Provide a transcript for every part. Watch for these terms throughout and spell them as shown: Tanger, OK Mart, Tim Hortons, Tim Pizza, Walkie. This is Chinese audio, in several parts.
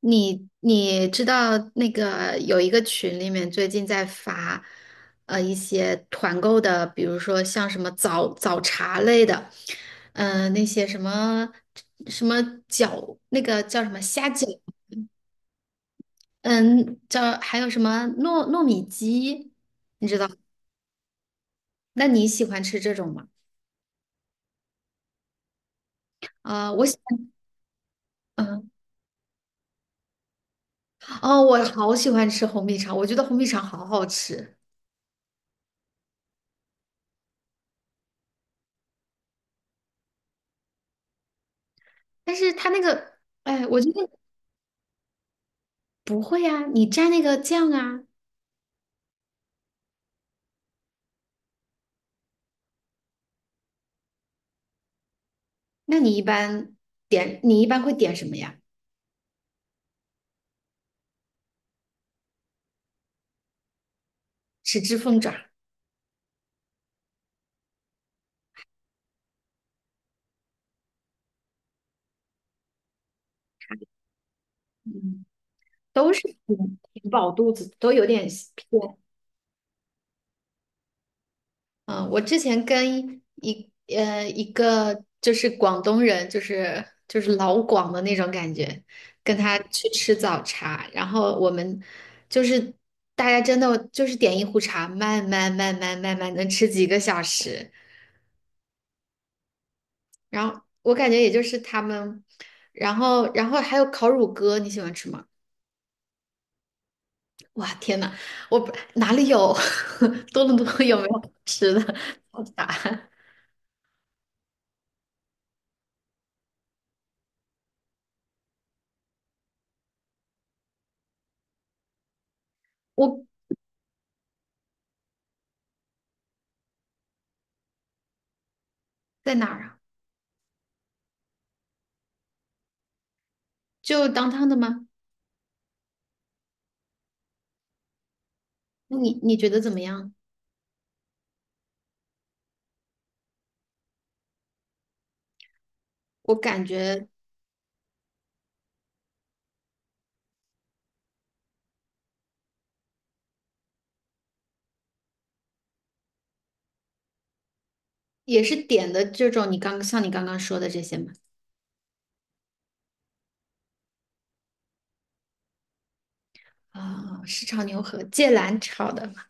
你知道那个有一个群里面最近在发，一些团购的，比如说像什么早茶类的，嗯、那些什么饺，那个叫什么虾饺，嗯，叫还有什么糯米鸡，你知道？那你喜欢吃这种吗？啊、我喜欢，嗯，哦，我好喜欢吃红米肠，我觉得红米肠好好吃，但是它那个，哎，我觉得不会啊，你蘸那个酱啊。那你一般点，你一般会点什么呀？豉汁凤爪，嗯，都是挺饱肚子，都有点偏。嗯，我之前跟一个就是广东人，就是老广的那种感觉，跟他去吃早茶，然后我们就是大家真的就是点一壶茶，慢慢能吃几个小时，然后我感觉也就是他们，然后还有烤乳鸽，你喜欢吃吗？哇，天呐，我不哪里有 多伦多有没有吃的 好傻，我在哪儿啊？就当 o 的吗？那你觉得怎么样？我感觉也是点的这种，你像你刚刚说的这些嘛。啊、是炒牛河，芥蓝炒的嘛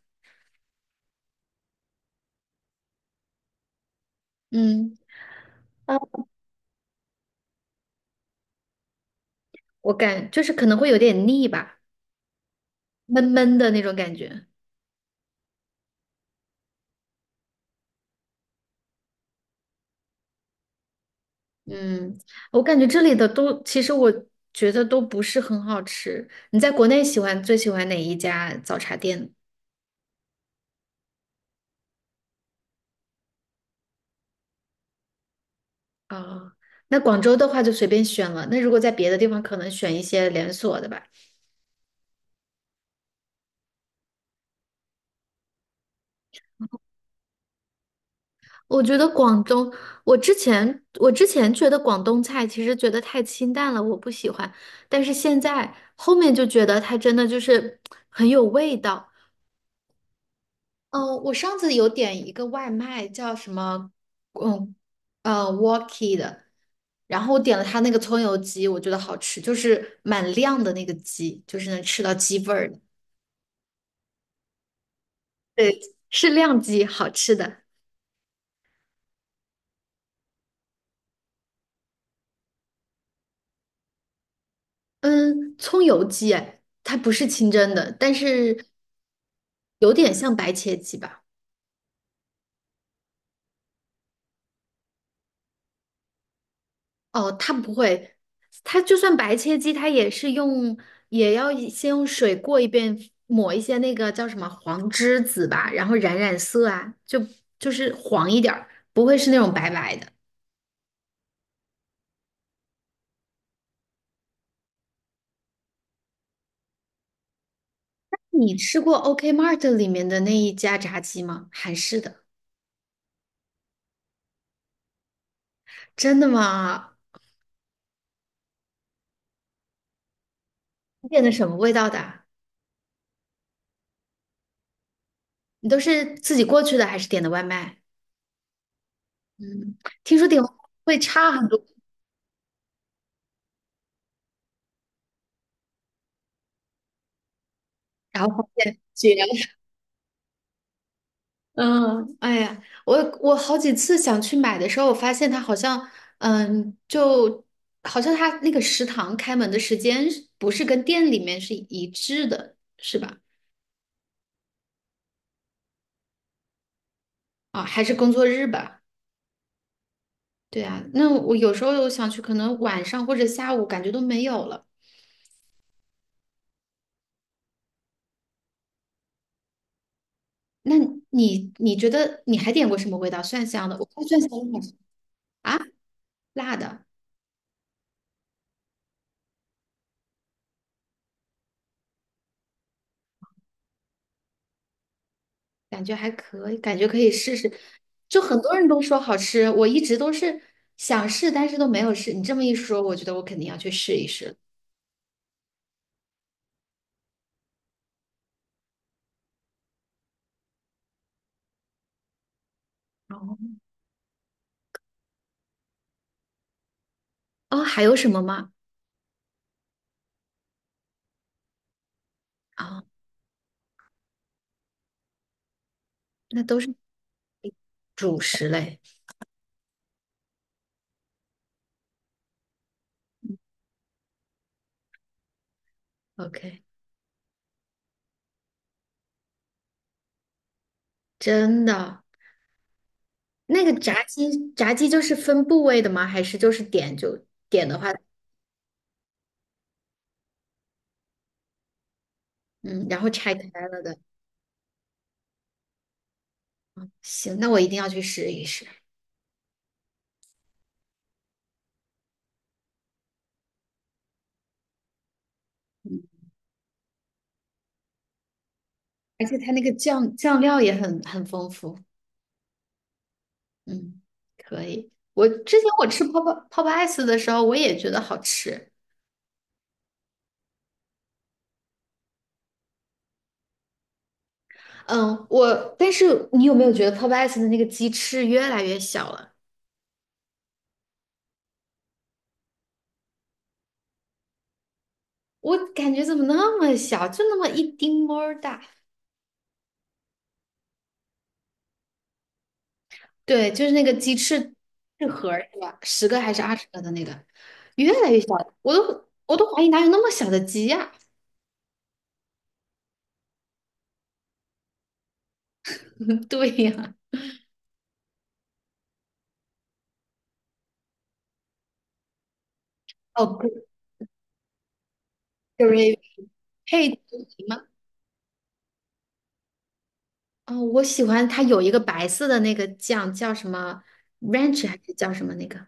嗯，啊，我感就是可能会有点腻吧，闷闷的那种感觉。嗯，我感觉这里的都，其实我觉得都不是很好吃。你在国内喜欢最喜欢哪一家早茶店？哦，那广州的话就随便选了。那如果在别的地方，可能选一些连锁的吧。我觉得广东，我之前觉得广东菜其实觉得太清淡了，我不喜欢。但是现在后面就觉得它真的就是很有味道。嗯，我上次有点一个外卖，叫什么，嗯，Walkie 的，然后我点了它那个葱油鸡，我觉得好吃，就是蛮亮的那个鸡，就是能吃到鸡味儿的。对，是亮鸡，好吃的。嗯，葱油鸡，哎，它不是清蒸的，但是有点像白切鸡吧？哦，它不会，它就算白切鸡，它也是用，也要一先用水过一遍，抹一些那个叫什么黄栀子吧，然后染染色啊，就就是黄一点儿，不会是那种白白的。你吃过 OK Mart 里面的那一家炸鸡吗？韩式的，真的吗？你点的什么味道的啊你都是自己过去的还是点的外卖？嗯，听说点外卖会差很多，然后发现，绝了嗯，哎呀，我好几次想去买的时候，我发现它好像，嗯，就好像它那个食堂开门的时间是不是跟店里面是一致的，是吧？啊，还是工作日吧？对啊，那我有时候我想去，可能晚上或者下午感觉都没有了。那你觉得你还点过什么味道蒜香的？我看蒜香的好像啊，辣的。感觉还可以，感觉可以试试。就很多人都说好吃，我一直都是想试，但是都没有试。你这么一说，我觉得我肯定要去试一试。哦，哦，还有什么吗？啊，那都是主食类。OK，真的，那个炸鸡，炸鸡就是分部位的吗？还是就是点就点的话，嗯，然后拆开了的。行，那我一定要去试一试。嗯，而且它那个酱料也很丰富。嗯，可以。我之前我吃泡泡 ice 的时候，我也觉得好吃。嗯，我但是你有没有觉得泡泡 ice 的那个鸡翅越来越小了？我感觉怎么那么小，就那么一丁么儿大。对，就是那个鸡翅翅盒儿是吧？十个还是二十个的那个，越来越小了我都怀疑哪有那么小的鸡呀、对呀、哦，gravy 配。哦，我喜欢它有一个白色的那个酱，叫什么 ranch 还是叫什么那个？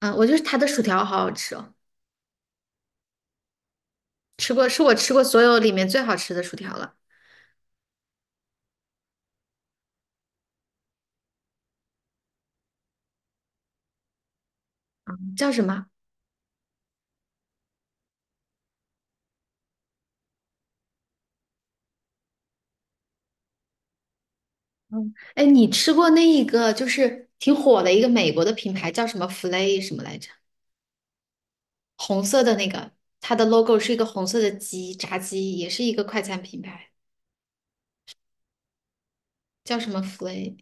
嗯，我就是它的薯条好好吃哦，吃过是我吃过所有里面最好吃的薯条了，叫什么？嗯，哎，你吃过那一个就是挺火的一个美国的品牌叫什么 Flay 什么来着？红色的那个，它的 logo 是一个红色的鸡，炸鸡也是一个快餐品牌，叫什么 Flay？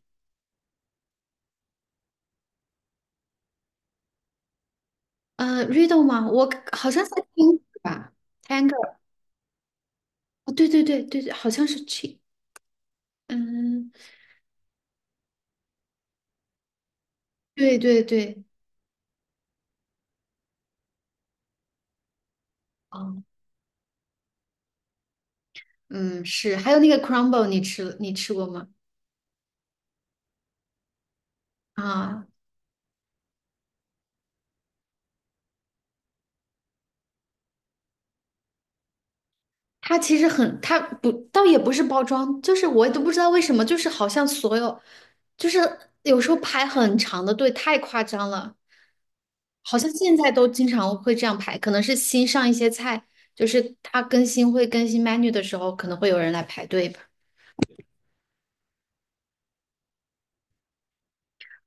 Riddle 吗？我好像在听吧，Tanger，哦，对对对对对，好像是 Chi，嗯。对对对，哦，嗯，是。还有那个 crumble，你吃过吗？啊，它其实很，它不，倒也不是包装，就是我都不知道为什么，就是好像所有，就是有时候排很长的队，太夸张了。好像现在都经常会这样排，可能是新上一些菜，就是它会更新 menu 的时候，可能会有人来排队吧。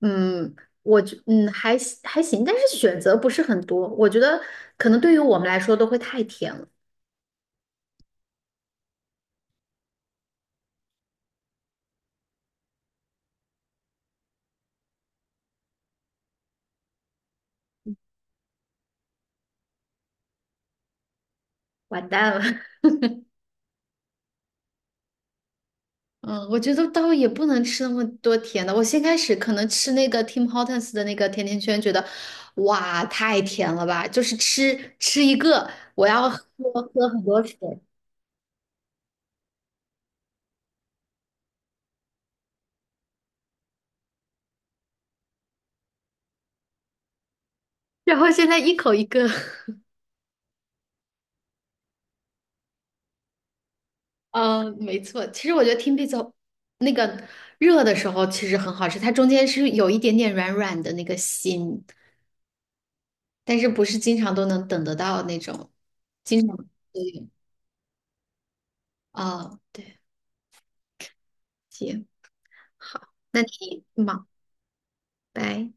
嗯，我觉还行还行，但是选择不是很多，我觉得可能对于我们来说都会太甜了。完蛋了。嗯，我觉得倒也不能吃那么多甜的。我先开始可能吃那个 Tim Hortons 的那个甜甜圈，觉得哇太甜了吧，就是吃一个，我要喝很多水。然后现在一口一个，嗯，没错。其实我觉得 Tim Pizza 那个热的时候其实很好吃，它中间是有一点点软软的那个心，但是不是经常都能等得到那种，经常对有。哦，对，行，好，那你忙。拜。